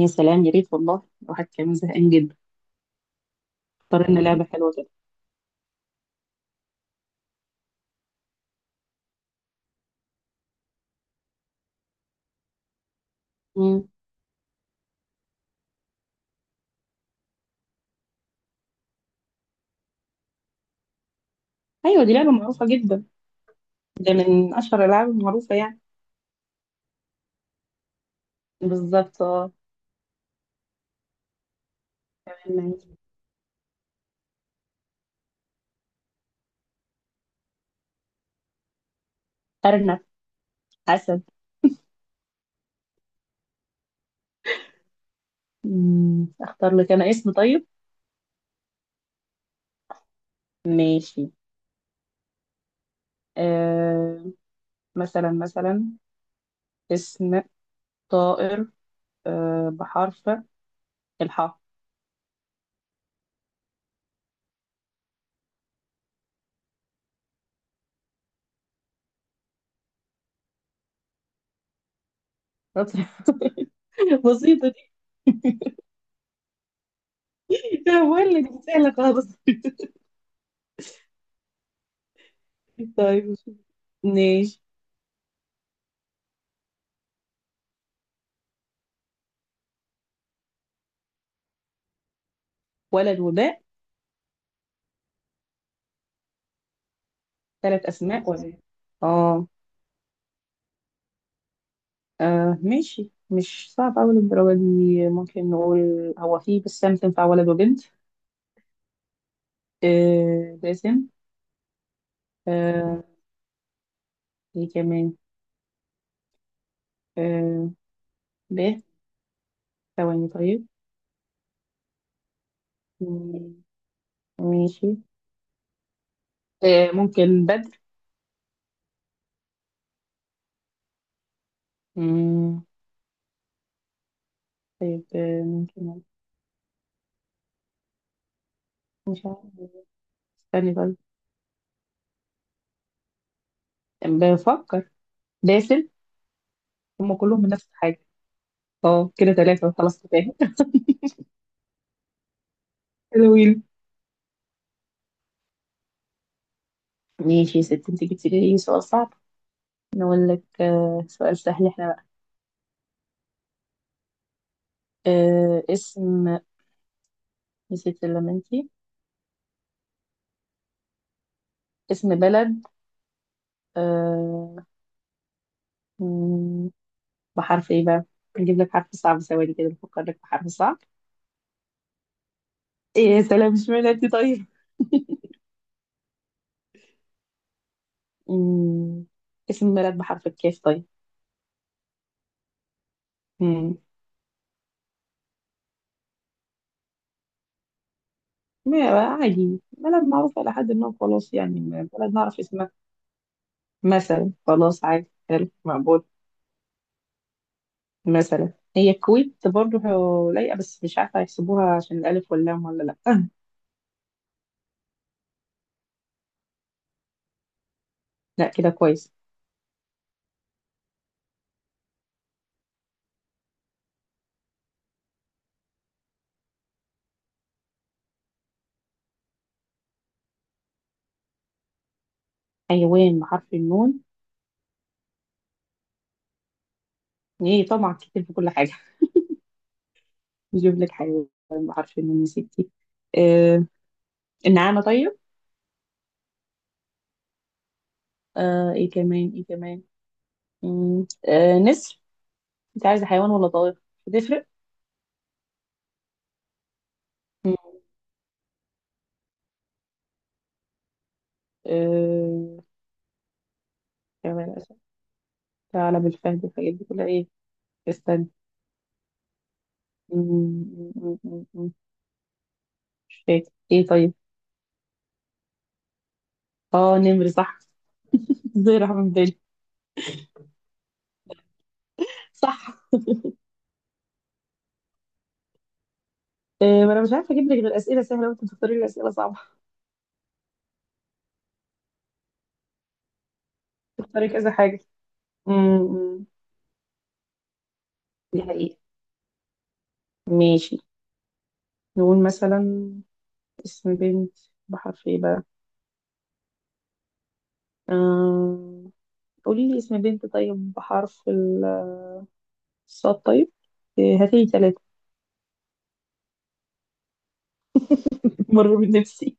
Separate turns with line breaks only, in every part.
يا سلام يا ريت والله. الواحد كان زهقان جدا. اختار لنا لعبة حلوة كده. مم. ايوه، دي لعبة معروفة جدا. ده من اشهر الالعاب المعروفة يعني. بالظبط اه. تمام ماشي. ارنب. اسد. مم. اختار لك انا اسم طيب. ماشي. آه. مثلا اسم طائر، بحرف الحاء. بسيطة دي. ولا دي سهلة خالص. طيب ماشي. ولد وباء. ثلاث اسماء وزي. اه، ماشي، مش صعب أوي للدرجة دي. ممكن نقول، هو في بسام تنفع ولد وبنت. باسم. آه. ايه كمان. آه. ب. ثواني طيب. مم، ماشي. ممكن بدر. مم، طيب، ممكن. مش عارف. استني طيب. بفكر. باسم. هم كلهم من نفس الحاجة. اه كده ثلاثة، خلاص كفاية. حلوين. ماشي يا ستي، انت جبتي لي سؤال صعب. نقول لك سؤال سهل احنا بقى. اسم. نسيت اللي انتي. اسم بلد. آه... مم، بحرف ايه بقى؟ نجيب لك حرف صعب، ثواني كده بفكر لك بحرف صعب. ايه يا سلام، مش بلدي طيب. مم، اسم بلد بحرف الكاف طيب. مم، ما بقى عادي بلد معروفة لحد ما، خلاص يعني. بلد نعرف اسمها مثلا، خلاص عادي، حلو مقبول. مثلا هي الكويت برضه، لايقة، بس مش عارفة هيحسبوها عشان الألف واللام ولا لأ. لا كده كويس. حيوان بحرف النون. ايه طبعا، كتير في كل حاجة. نجيب لك حيوان. بعرف انه ستي. آه. النعامة طيب. ايه كمان، ايه كمان. نسر. انت عايزة حيوان ولا طائر؟ بتفرق. مم، آه حيوان أسد، ثعلب، الفهد، الحاجات دي كلها ايه. استنى. مم، مم، مم، مم، مم، مش فاكر ايه طيب. اه نمر، صح. ازاي راح من بالي. صح. ما انا مش عارفه اجيب لك غير اسئله سهله، وانت بتختاري لي اسئله صعبه. تختاري كذا حاجه. امم دي حقيقة. ماشي. نقول مثلا اسم بنت، بحرف ايه بقى؟ آه... قولي لي اسم بنت طيب بحرف الصاد طيب. هاتي ثلاثة. مر بنفسي.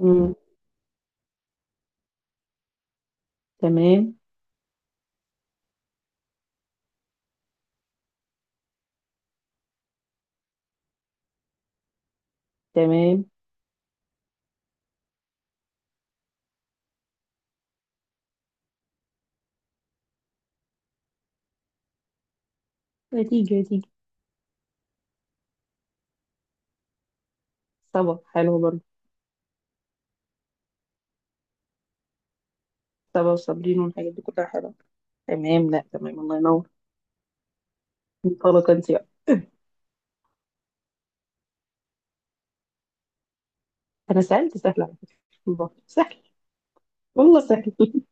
مم. تمام. تمام. نتيجة نتيجة. صبا حلوة برضه. صبا وصابرين والحاجات دي كلها حلوة. تمام. لا، تمام، الله ينور. انطلق انت بقى. انا سألت سهل على فكرة. والله سهل. والله سهل.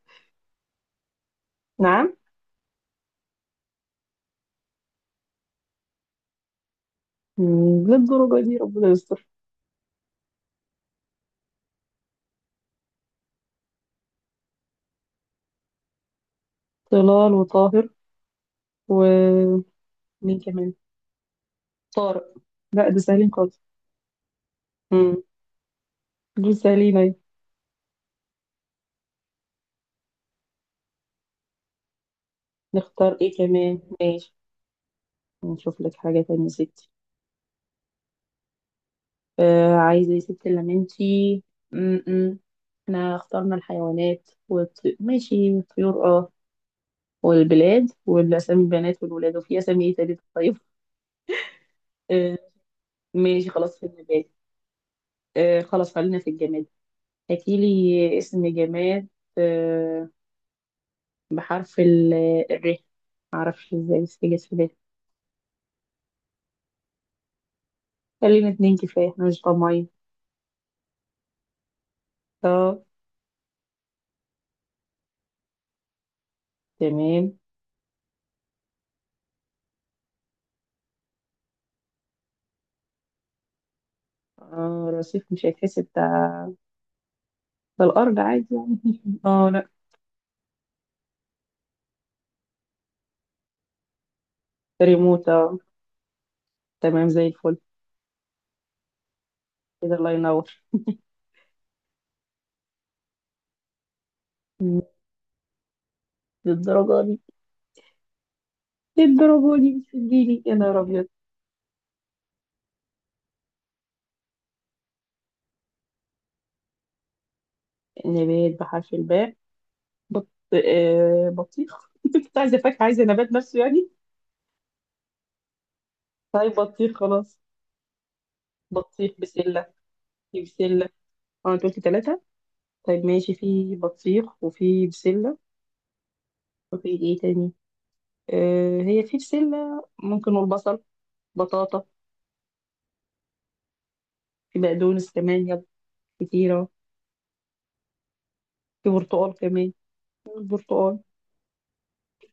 نعم. للدرجة دي ربنا يستر. طلال وطاهر. ومين كمان؟ طارق. لا، ده سهلين خالص. مم. بصي يا لينا. نختار ايه كمان، ماشي. نشوف لك حاجة تانية يا ستي. عايزة يا ستي لما انتي م-م. احنا اخترنا الحيوانات ماشي، الطيور اه، والبلاد، والاسامي البنات والولاد، وفي اسامي ايه تالت طيب. آه ماشي خلاص، في النبات. خلاص، خلينا في الجماد. هاتيلي اسم جماد، آه بحرف الر. معرفش ازاي بس هي جت في بالي. خلينا اتنين كفايه، احنا مش طماعين. اه. تمام. رصيف مش هيتحسب بتاع؟ ده الأرض عادي يعني. اه لا. ريموت تمام زي الفل. كده الله ينور. مم، للدرجة دي. للدرجة دي مش تديني يا نهار أبيض. نبات بحرف الباء. بط... آه بطيخ. انت كنت عايزة فاكهة، عايزة نبات نفسه يعني. طيب بطيخ خلاص. بطيخ، بسلة. في بسلة. اه انت قلت تلاتة. طيب ماشي، في بطيخ وفي بسلة. وفي ايه تاني؟ هي في بسلة ممكن، والبصل. بطاطا. في بقدونس كمان، يلا. كتير. في برتقال كمان. برتقال.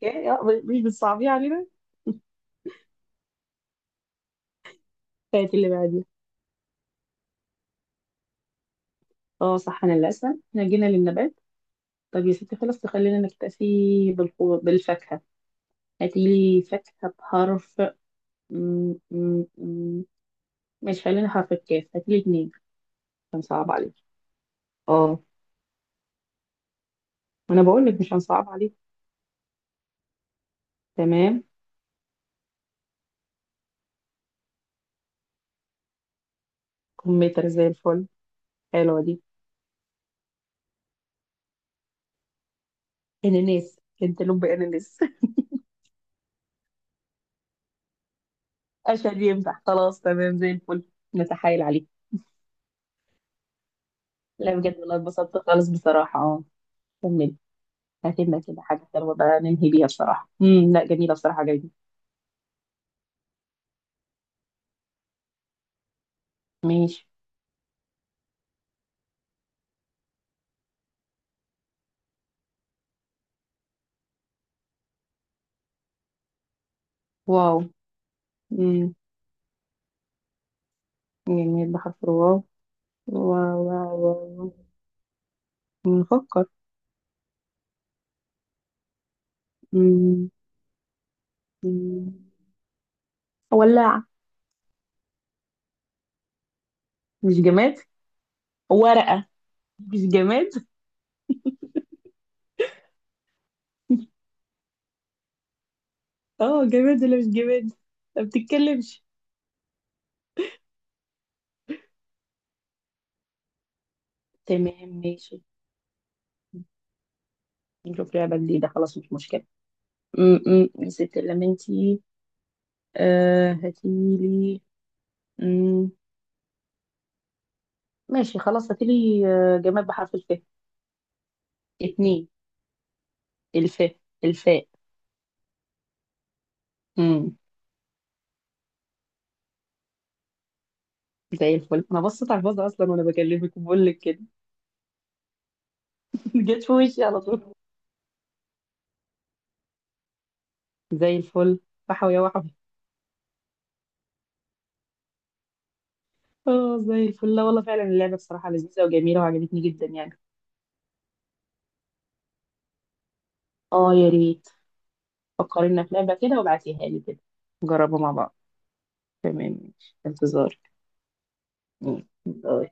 يا- يا- مش بتصعبيه علينا. كانت اللي بعديها. اه صح، انا اللي اسال، احنا جينا للنبات. طب يا ستي خلاص، تخلينا نكتفي بالخضر بالفاكهه. هاتيلي فاكهه بحرف م- م- م- مش، خلينا حرف الكاف، هاتيلي اتنين. مش هنصعب عليك. اه. انا بقول لك مش هنصعب عليك. تمام. كمبيوتر، زي الفل. حلوه دي. اناناس، كنتالوب، اناناس. اشهد ينفع، خلاص تمام زي الفل. نتحايل عليك. لا بجد والله، اتبسطت خالص بصراحه اه. كملي. هتبقى كده حاجة حلوة بقى ننهي بيها بصراحة. لا، جميلة بصراحة، جميلة. ماشي. واو. امم جميل بحرف الواو. واو واو واو واو. نفكر. امم أمم. ولاعة. مش جماد. ورقة. مش جماد. اه، جماد ولا مش جماد؟ ما بتتكلمش. تمام ماشي. نشوف لعبة جديدة، خلاص مش مشكلة. يا ست لما انتي. آه هاتيلي. امم ماشي خلاص، هاتيلي جماد بحرف الف. اتنين. الفاء. الفاء. امم زي الفل، انا بصيت على الفاضي اصلا وانا بكلمك وبقول لك كده. جت في وشي على طول. زي الفل. وحوي يا وحوي. اه زي الفل. لا والله فعلا، اللعبه بصراحه لذيذه وجميله وعجبتني جدا يعني. اه يا ريت. فكرينا في لعبه كده وابعتيها لي كده. نجربها مع بعض. تمام ماشي، انتظار. مم. باي.